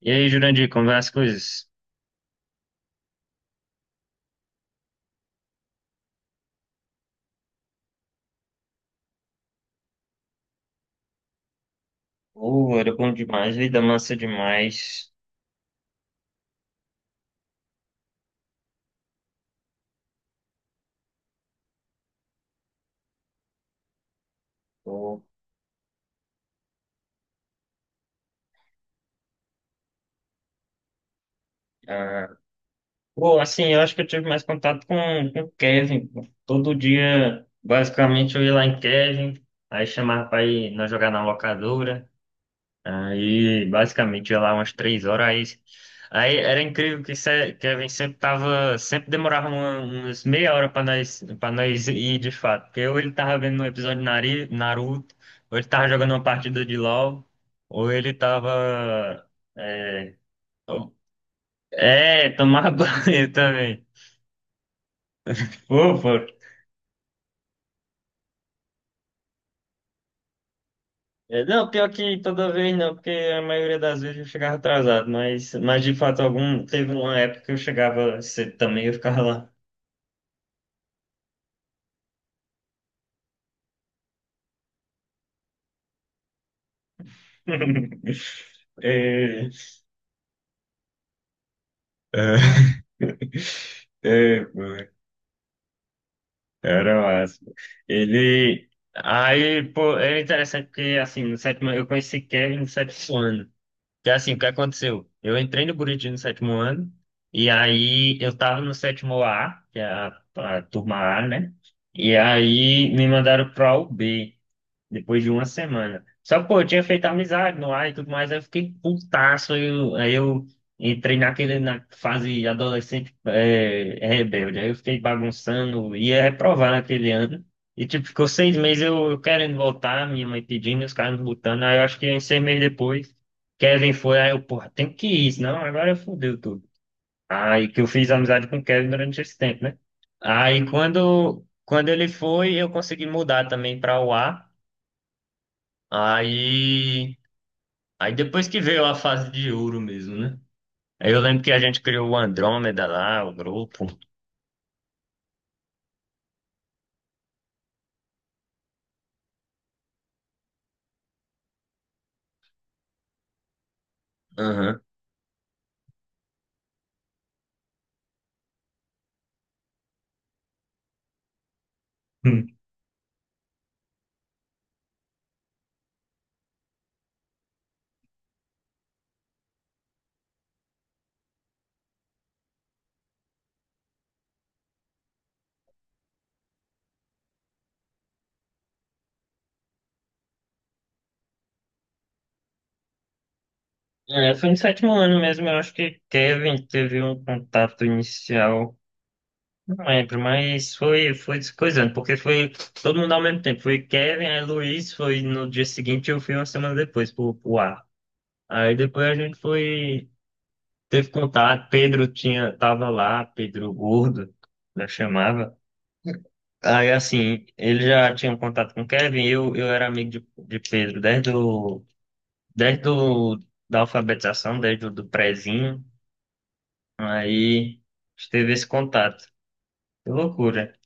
E aí, Jurandir, como vai as coisas? Pô, era bom demais, vida massa demais. Pô, ah, pô, eu acho que eu tive mais contato com o Kevin. Pô, todo dia, basicamente, eu ia lá em Kevin, aí chamava pra ir nós jogar na locadora. Basicamente, ia lá umas 3 horas. Aí era incrível que Kevin sempre tava, sempre demorava umas meia hora para nós ir de fato. Porque ou ele tava vendo um episódio de Naruto, ou ele tava jogando uma partida de LoL, ou ele tava. É, é, tomava banho também. Ufa. É. Não, pior que toda vez não, porque a maioria das vezes eu chegava atrasado, mas de fato algum, teve uma época que eu chegava cedo também, eu ficava lá. É, é, é, pô, era massa. Ele. Aí, pô, é interessante porque, assim, no sétimo, eu conheci Kevin no sétimo ano. Que, assim, o que aconteceu? Eu entrei no Buriti no sétimo ano, e aí eu tava no sétimo A, que é a turma A, né? E aí me mandaram pra U B depois de uma semana. Só que, pô, eu tinha feito amizade no ar e tudo mais, aí eu fiquei putaço. Aí eu entrei naquele, na fase adolescente rebelde. Aí eu fiquei bagunçando, ia reprovar naquele ano. E, tipo, ficou 6 meses eu querendo voltar, minha mãe pedindo, os caras não botando. Aí eu acho que uns 6 meses depois, Kevin foi, aí eu, porra, tem que ir, senão agora fudeu tudo. Aí que eu fiz amizade com o Kevin durante esse tempo, né? Aí quando ele foi, eu consegui mudar também para o A. Aí, aí depois que veio a fase de ouro mesmo, né? Aí eu lembro que a gente criou o Andrômeda lá, o grupo. Aham. Hum. É, foi no sétimo ano mesmo, eu acho que Kevin teve um contato inicial, não lembro, mas foi, foi descoisando, porque foi todo mundo ao mesmo tempo. Foi Kevin, aí Luiz foi no dia seguinte, eu fui uma semana depois pro ar. Aí depois a gente foi, teve contato, Pedro tinha, tava lá, Pedro Gordo, né, chamava. Aí, assim, ele já tinha um contato com o Kevin, eu era amigo de Pedro desde, o, desde da alfabetização, desde o do prezinho. Aí, teve esse contato. Que loucura.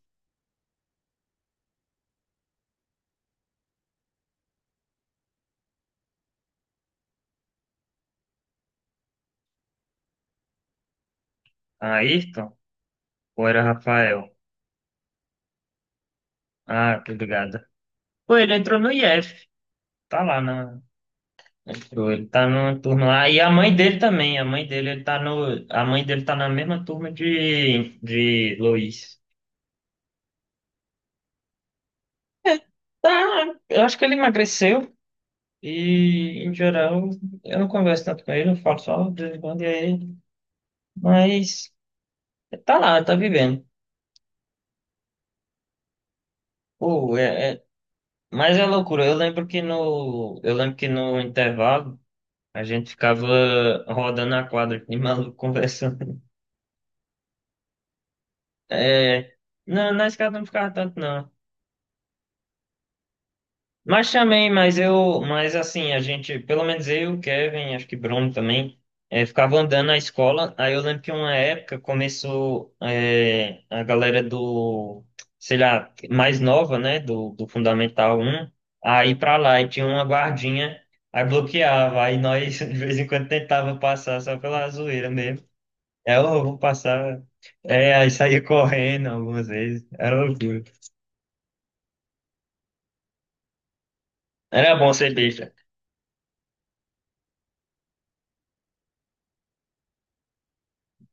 Ayrton? Ou era Rafael? Ah, tô ligado. Pô, ele entrou no IF. Tá lá na... Entrou, ele tá numa turma lá. E a mãe dele também. A mãe dele, ele tá no... A mãe dele tá na mesma turma de Luiz. Tá, eu acho que ele emagreceu. E, em geral, eu não converso tanto com ele, eu falo só de vez em quando, e aí, mas tá lá, tá vivendo. Pô, é, é- mas é loucura. Eu lembro que no intervalo a gente ficava rodando a quadra, de maluco conversando. É, na escada não ficava tanto, não. Mas também, mas assim, a gente, pelo menos eu, Kevin, acho que Bruno também, ficava andando na escola. Aí eu lembro que uma época começou a galera do, sei lá, mais nova, né, do Fundamental um a ir pra lá e tinha uma guardinha, aí bloqueava, aí nós de vez em quando tentava passar só pela zoeira mesmo. Aí eu "Ô, vou passar, é, aí saía correndo algumas vezes, era loucura. Era bom ser besta.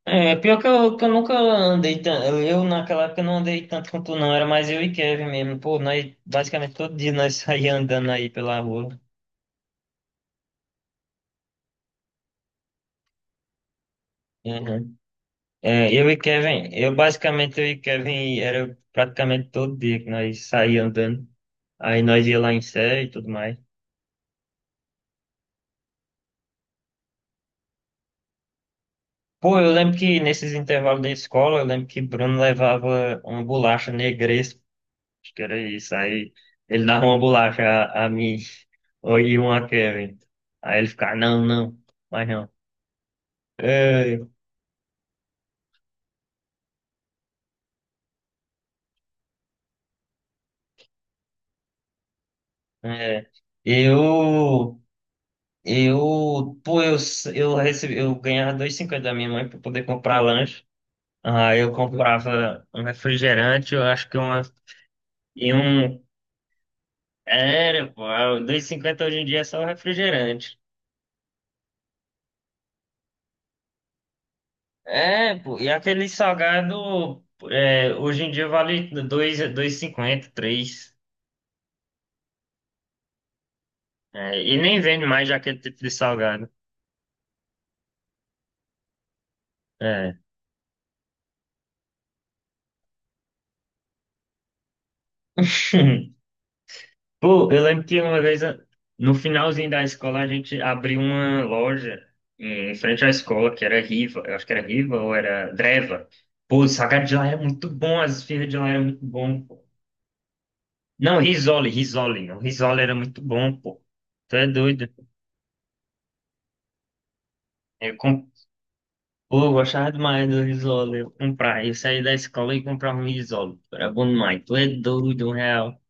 É, pior que eu nunca andei tanto. Eu naquela época não andei tanto com tu, não. Era mais eu e Kevin mesmo. Pô, nós basicamente todo dia nós saíamos andando aí pela rua. Uhum. É, eu e Kevin, eu basicamente eu e Kevin era praticamente todo dia que nós saíamos andando. Aí nós ia lá em série e tudo mais. Pô, eu lembro que nesses intervalos da escola, eu lembro que Bruno levava uma bolacha negresa. Acho que era isso. Aí ele dava uma bolacha a mim ou e uma a Kevin. Aí ele ficava, não, mas não. É, é. Eu, eu, pô, eu, recebi, eu ganhava 2,50 da minha mãe para poder comprar lanche. Aí eu comprava um refrigerante, eu acho que uma, e um, era, pô, dois e cinquenta hoje em dia é só refrigerante. É, pô, e aquele salgado, é, hoje em dia vale 2, cinquenta três. É, e nem vende mais aquele tipo de salgado. É. Pô, eu lembro que uma vez, no finalzinho da escola, a gente abriu uma loja em frente à escola, que era Riva, eu acho que era Riva ou era Dreva. Pô, o salgado de lá era muito bom, as esfirras de lá eram muito bom, pô. Não, Risole, não. Risole era muito bom, pô. Tu é doido. Eu com... Pô, eu gostava demais do Risole, eu comprava. Eu saía da escola e comprava um Risole. Era bom demais. Tu é doido, R$ 1.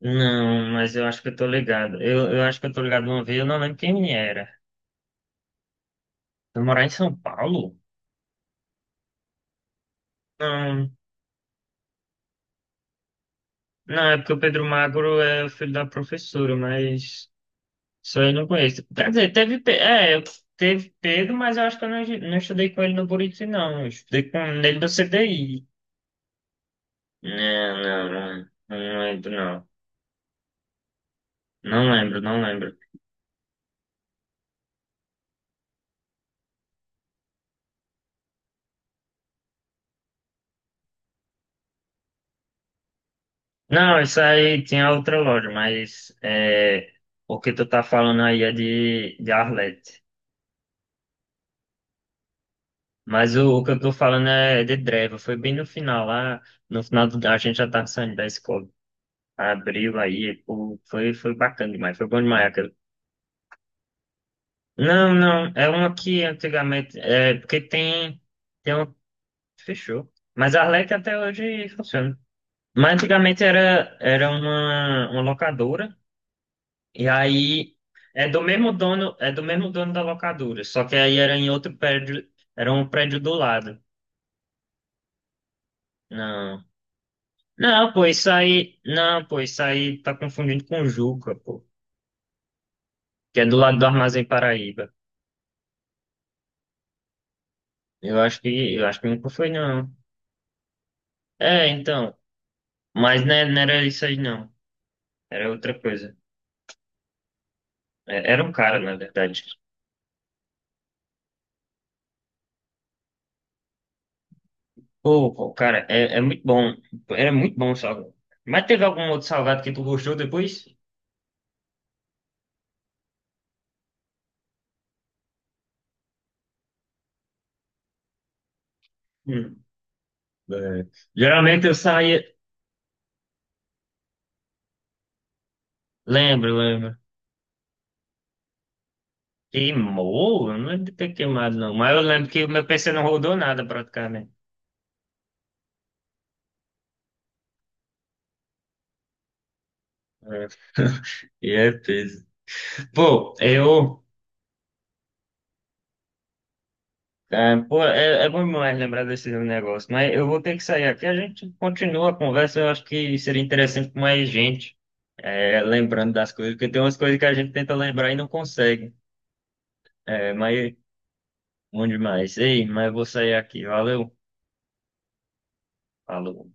Não, mas eu acho que eu tô ligado. Eu acho que eu tô ligado uma vez, eu não lembro quem era. Eu morar em São Paulo? Não, não, é porque o Pedro Magro é o filho da professora, mas isso aí eu não conheço. Quer dizer, teve, teve Pedro, mas eu acho que eu não, não estudei com ele no Buriti, não. Eu estudei com ele no CDI. Não, não, não, lembro, não. Não lembro. Não, isso aí tinha outra loja, mas é, o que tu tá falando aí é de Arlete. Mas o que eu tô falando é de Dreva. Foi bem no final lá. No final do, a gente já tava saindo da escola. Abriu aí, pô. Foi bacana demais. Foi bom demais aquele. Não, não. É uma que antigamente. É, porque tem. Tem um. Fechou. Mas a Arlec até hoje funciona. Mas antigamente era, era uma locadora. E aí. É do mesmo dono, é do mesmo dono da locadora. Só que aí era em outro prédio. Era um prédio do lado. Não. Não, pô, isso aí. Não, pô, isso aí tá confundindo com Juca, pô. Que é do lado do Armazém Paraíba. Eu acho que. Eu acho que nunca foi, não. É, então. Mas né, não era isso aí, não. Era outra coisa. É, era um cara, na verdade. Pô, cara, é, é muito bom. Era muito bom o salgado. Mas teve algum outro salgado que tu gostou depois? Hum. É. Geralmente eu saía. Lembro, lembro. Queimou? Eu não lembro de ter queimado, não. Mas eu lembro que o meu PC não rodou nada praticamente. É. E é peso. Pô, eu. É, pô, é bom demais lembrar desse negócio, mas eu vou ter que sair aqui. A gente continua a conversa. Eu acho que seria interessante com mais gente, é, lembrando das coisas, porque tem umas coisas que a gente tenta lembrar e não consegue. É, mas bom demais. Ei, mas eu vou sair aqui. Valeu. Falou.